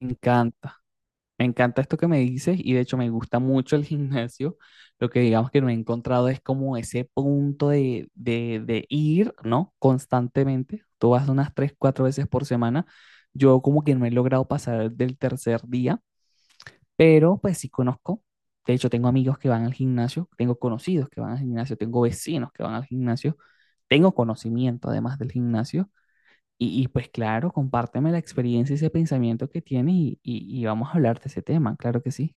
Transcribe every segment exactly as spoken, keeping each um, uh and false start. Me encanta, me encanta esto que me dices y de hecho me gusta mucho el gimnasio. Lo que digamos que no he encontrado es como ese punto de, de, de ir, ¿no? Constantemente. Tú vas unas tres, cuatro veces por semana. Yo como que no he logrado pasar del tercer día, pero pues sí conozco. De hecho, tengo amigos que van al gimnasio, tengo conocidos que van al gimnasio, tengo vecinos que van al gimnasio, tengo conocimiento además del gimnasio. Y, y, pues claro, compárteme la experiencia y ese pensamiento que tienes y, y- y vamos a hablar de ese tema, claro que sí.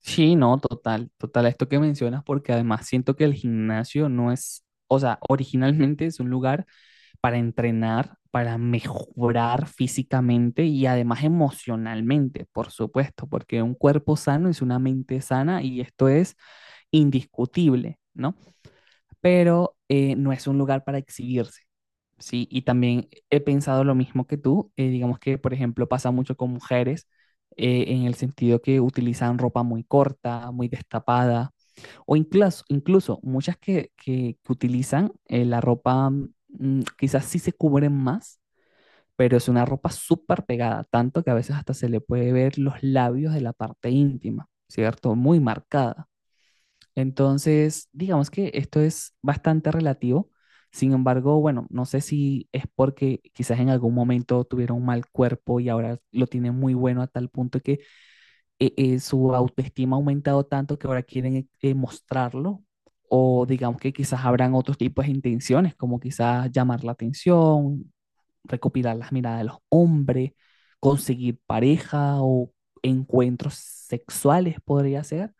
Sí, no, total, total, esto que mencionas, porque además siento que el gimnasio no es, o sea, originalmente es un lugar para entrenar, para mejorar físicamente y además emocionalmente, por supuesto, porque un cuerpo sano es una mente sana y esto es indiscutible, ¿no? Pero eh, no es un lugar para exhibirse. Sí, y también he pensado lo mismo que tú. Eh, digamos que, por ejemplo, pasa mucho con mujeres eh, en el sentido que utilizan ropa muy corta, muy destapada, o incluso, incluso muchas que, que- que utilizan eh, la ropa, mm, quizás sí se cubren más, pero es una ropa súper pegada, tanto que a veces hasta se le puede ver los labios de la parte íntima, ¿cierto? Muy marcada. Entonces, digamos que esto es bastante relativo. Sin embargo, bueno, no sé si es porque quizás en algún momento tuvieron un mal cuerpo y ahora lo tienen muy bueno a tal punto que eh, eh, su autoestima ha aumentado tanto que ahora quieren eh, mostrarlo. O digamos que quizás habrán otros tipos de intenciones, como quizás llamar la atención, recopilar las miradas de los hombres, conseguir pareja o encuentros sexuales podría ser.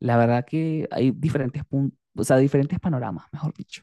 La verdad que hay diferentes puntos, o sea, diferentes panoramas, mejor dicho.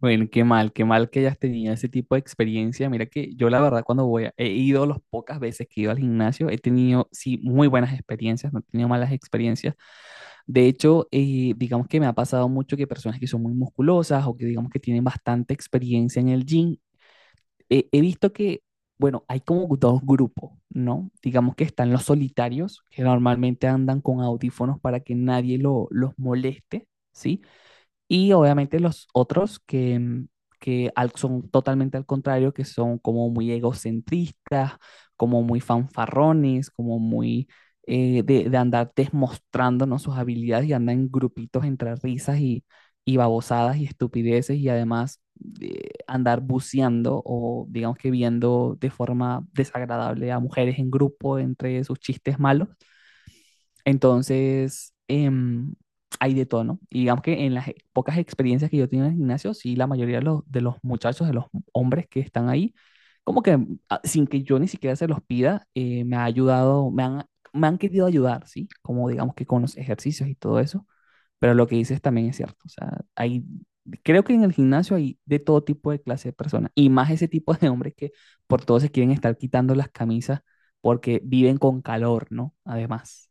Bueno, qué mal, qué mal que hayas tenido ese tipo de experiencia. Mira que yo la verdad cuando voy, a- he ido las pocas veces que he ido al gimnasio, he tenido, sí, muy buenas experiencias, no he tenido malas experiencias. De hecho, eh, digamos que me ha pasado mucho que personas que son muy musculosas o que digamos que tienen bastante experiencia en el gym he, he visto que, bueno, hay como dos grupos, ¿no? Digamos que están los solitarios, que normalmente andan con audífonos para que nadie lo- los moleste, ¿sí? Y obviamente los otros que, mm, que al- son totalmente al contrario, que son como muy egocentristas, como muy fanfarrones, como muy eh, de, de andar demostrándonos sus habilidades y andan en grupitos entre risas y, y babosadas y estupideces y además eh, andar buceando o digamos que viendo de forma desagradable a mujeres en grupo entre sus chistes malos. Entonces, em, hay de todo, ¿no? Y digamos que en las e- pocas experiencias que yo he tenido en el gimnasio, sí, la mayoría de los, de los muchachos, de los hombres que están ahí, como que ah, sin que yo ni siquiera se los pida, eh, me ha ayudado, me han, me han querido ayudar, ¿sí? Como digamos que con los ejercicios y todo eso. Pero lo que dices también es cierto. O sea, hay, creo que en el gimnasio hay de todo tipo de clase de personas. Y más ese tipo de hombres que por todo se quieren estar quitando las camisas porque viven con calor, ¿no? Además.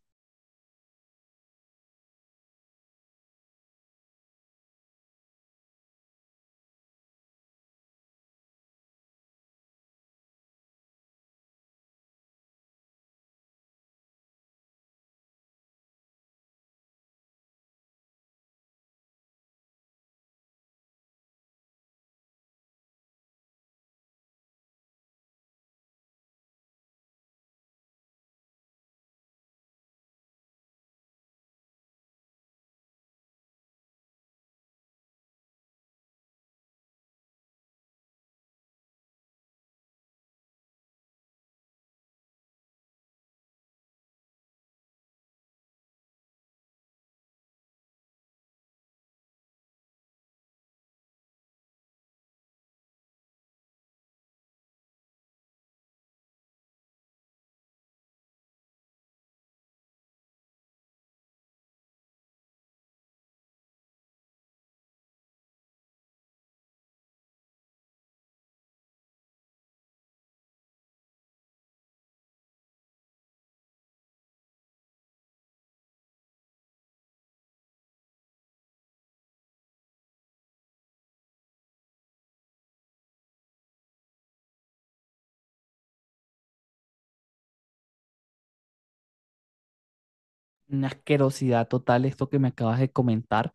Una asquerosidad total esto que me acabas de comentar,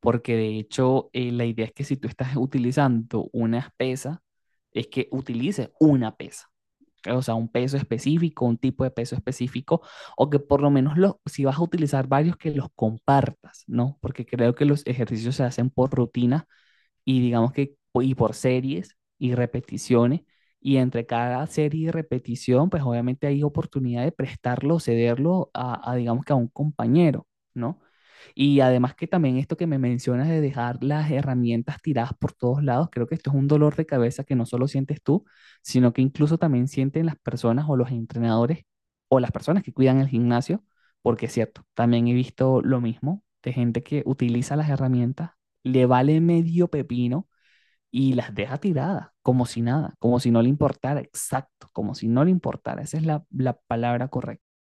porque de hecho eh, la idea es que si tú estás utilizando una pesa es que utilices una pesa, ¿ok? O sea, un peso específico, un tipo de peso específico, o que por lo menos los, si vas a utilizar varios, que los compartas, ¿no? Porque creo que los ejercicios se hacen por rutina y digamos que y por series y repeticiones. Y entre cada serie y repetición, pues obviamente hay oportunidad de prestarlo o cederlo a, a, digamos que a un compañero, ¿no? Y además que también esto que me mencionas de dejar las herramientas tiradas por todos lados, creo que esto es un dolor de cabeza que no solo sientes tú, sino que incluso también sienten las personas o los entrenadores o las personas que cuidan el gimnasio, porque es cierto, también he visto lo mismo de gente que utiliza las herramientas, le vale medio pepino y las deja tiradas, como si nada, como si no le importara, exacto, como si no le importara, esa es la, la palabra correcta.